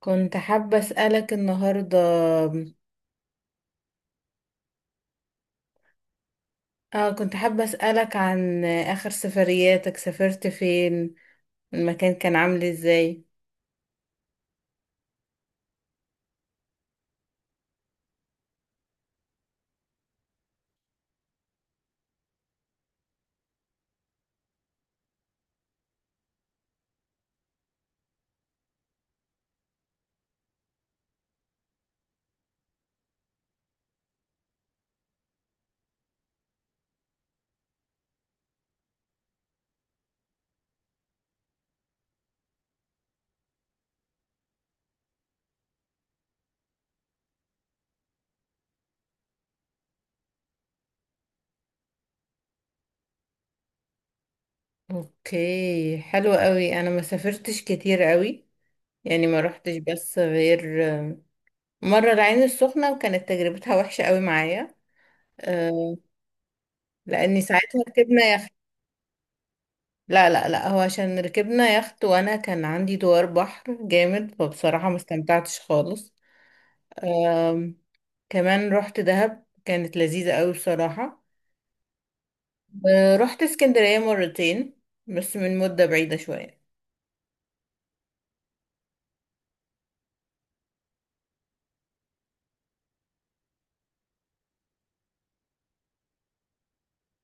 كنت حابة أسألك النهاردة اه كنت حابة أسألك عن آخر سفرياتك. سافرت فين؟ المكان كان عامل ازاي؟ اوكي حلو قوي. انا ما سافرتش كتير قوي، يعني ما روحتش بس غير مرة العين السخنة، وكانت تجربتها وحشة قوي معايا. آه، لاني ساعتها ركبنا يخت. لا، لا، لا، هو عشان ركبنا يخت وانا كان عندي دوار بحر جامد، فبصراحة ما استمتعتش خالص. كمان رحت دهب، كانت لذيذة قوي بصراحة. رحت اسكندرية مرتين بس من مدة بعيدة شوية.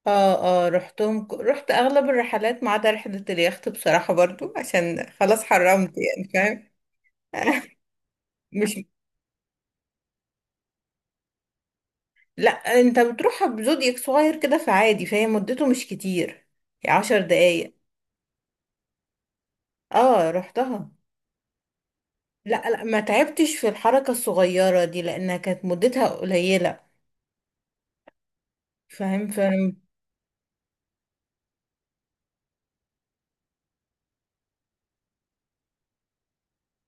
اه، اه، رحت اغلب الرحلات ما عدا رحلة اليخت، بصراحة، برضو عشان خلاص حرمت. يعني فاهم؟ مش لا، انت بتروحها بزودياك صغير كده فعادي، فهي مدته مش كتير، يعني 10 دقايق. اه، رحتها. لا، لا، ما تعبتش في الحركة الصغيرة دي لأنها كانت مدتها قليلة. فاهم؟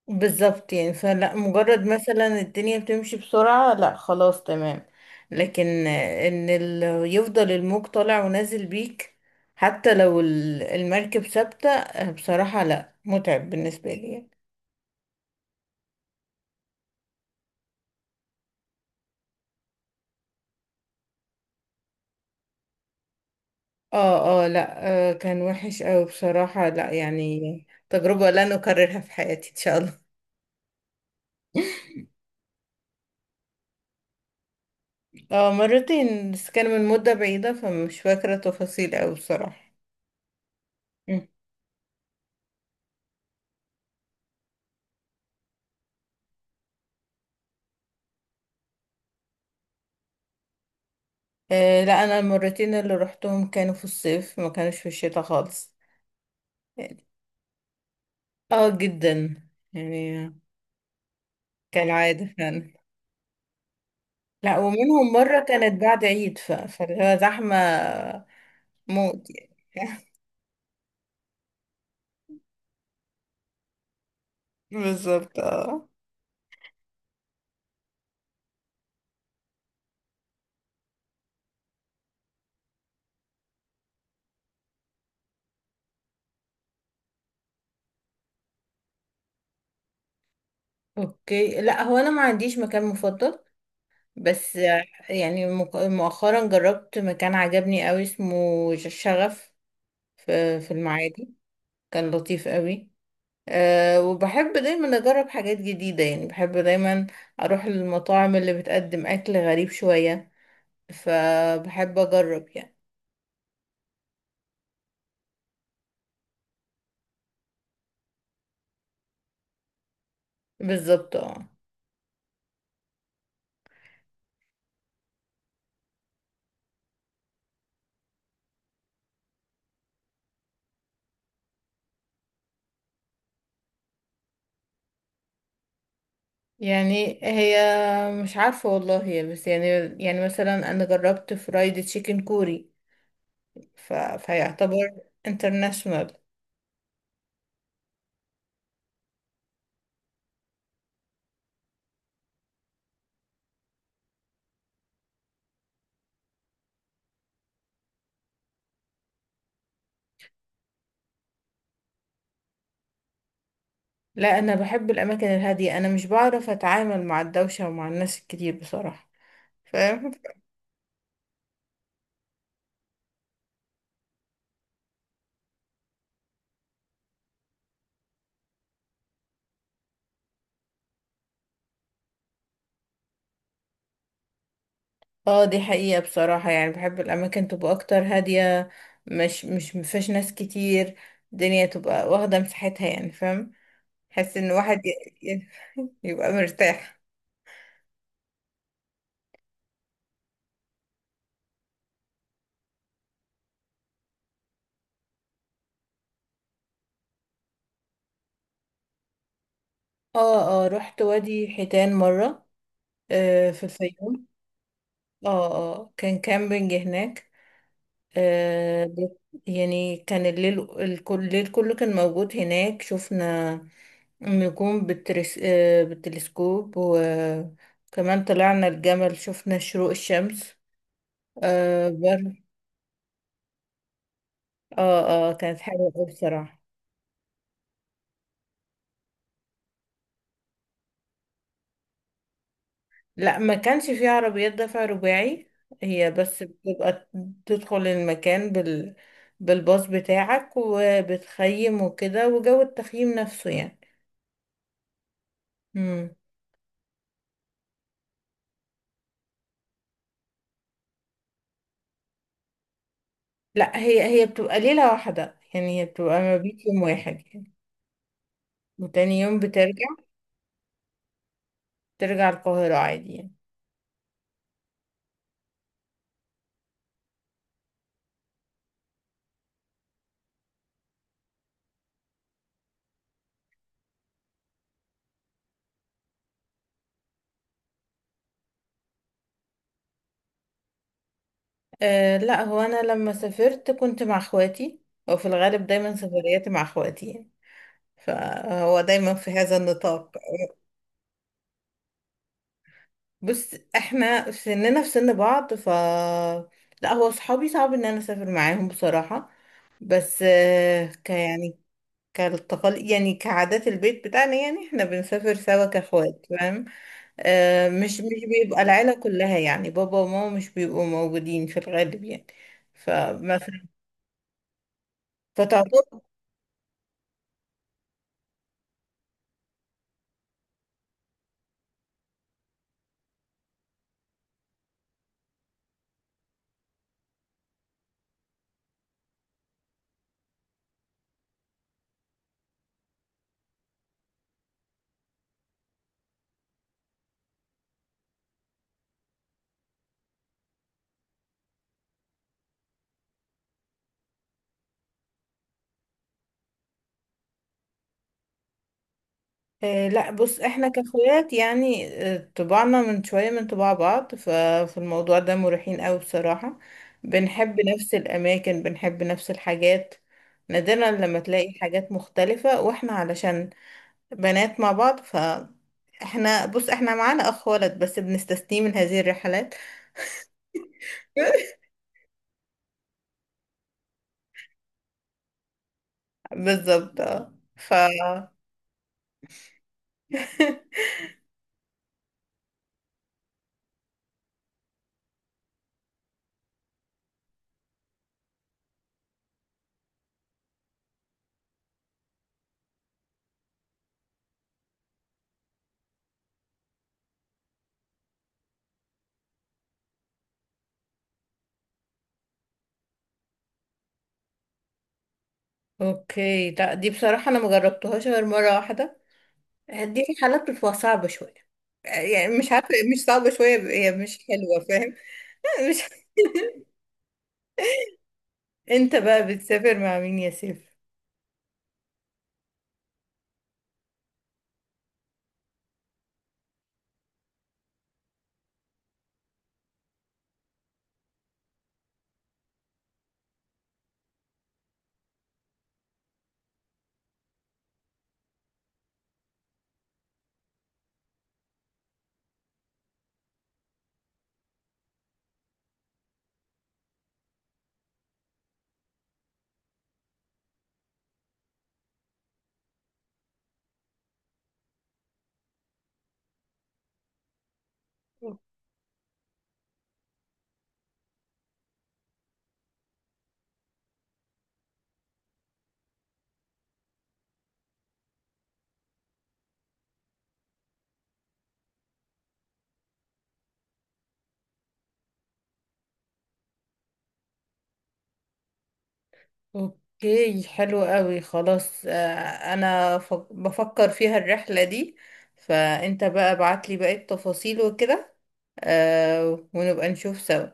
بالظبط، يعني فلا مجرد مثلا الدنيا بتمشي بسرعة، لا خلاص تمام. لكن يفضل الموج طالع ونازل بيك. حتى لو المركب ثابتة، بصراحة لا متعب بالنسبة لي يعني. اه، اه، لا، كان وحش اوي بصراحة، لا يعني تجربة لن اكررها في حياتي ان شاء الله. اه، مرتين بس كان من مدة بعيدة، فمش فاكرة تفاصيل اوي بصراحة. لا، انا المرتين اللي روحتهم كانوا في الصيف، ما كانوش في الشتاء خالص يعني. اه، جدا يعني. كالعادة فعلا. لا، ومنهم مرة كانت بعد عيد فاللي هو زحمة موت يعني. بالظبط اه. اوكي، لا هو انا ما عنديش مكان مفضل بس. يعني، مؤخرا جربت مكان عجبني قوي اسمه شغف، في المعادي. كان لطيف قوي. وبحب دايما أجرب حاجات جديدة، يعني بحب دايما أروح للمطاعم اللي بتقدم أكل غريب شوية، فبحب أجرب يعني. بالظبط اه. يعني هي، مش عارفة والله، هي بس يعني مثلا أنا جربت فرايد تشيكن كوري، فيعتبر انترناشونال. لا، أنا بحب الأماكن الهادية، أنا مش بعرف أتعامل مع الدوشة ومع الناس الكتير بصراحة. اه، دي حقيقة بصراحة. يعني بحب الأماكن تبقى أكتر هادية، مش مفيهاش ناس كتير. الدنيا تبقى واخدة مساحتها يعني. فاهم؟ حس إن واحد يبقى مرتاح. اه، اه، رحت وادي حيتان مرة، في الفيوم. اه، اه، كان كامبينج هناك. آه بت- يعني كان الليل كله كان موجود هناك، شفنا النجوم بالترس... آه بالتلسكوب، و كمان طلعنا الجمل، شفنا شروق الشمس. آه بر اه، اه، كانت حلوة أوي بصراحة. لا، ما كانش فيه عربيات دفع رباعي. هي بس بتبقى تدخل المكان بالباص بتاعك، وبتخيم وكده، وجو التخييم نفسه يعني. مم. لا، هي بتبقى ليلة واحدة يعني، هي بتبقى ما بيت يوم واحد يعني. وتاني يوم ترجع القاهرة عادي يعني. لا، هو أنا لما سافرت كنت مع اخواتي، وفي الغالب دايما سفرياتي مع اخواتي يعني. فهو دايما في هذا النطاق. بص، احنا سننا في سن بعض لا، هو صحابي صعب ان انا اسافر معاهم بصراحة. بس آه، ك يعني كالتقل يعني كعادات البيت بتاعنا، يعني احنا بنسافر سوا كاخوات. فاهم؟ مش بيبقى العيلة كلها، يعني بابا وماما مش بيبقوا موجودين في الغالب يعني. فمثلا، فتعتبر، لا بص، احنا كاخوات يعني، طباعنا من شوية من طباع بعض، ففي الموضوع ده مريحين قوي بصراحة. بنحب نفس الأماكن، بنحب نفس الحاجات. نادرا لما تلاقي حاجات مختلفة، واحنا علشان بنات مع بعض، بص احنا معانا أخ ولد بس بنستثنيه من هذه الرحلات. بالظبط اه اوكي، لا دي بصراحة انا مجربتهاش غير مرة واحدة. دي في حالات بتبقى صعبة شوية. يعني مش عارفة، مش صعبة شوية، هي مش حلوة. فاهم؟ مش انت بقى بتسافر مع مين يا سيف؟ اوكي حلو قوي خلاص. انا بفكر فيها الرحلة دي، فانت بقى ابعت لي باقي التفاصيل وكده، ونبقى نشوف سوا.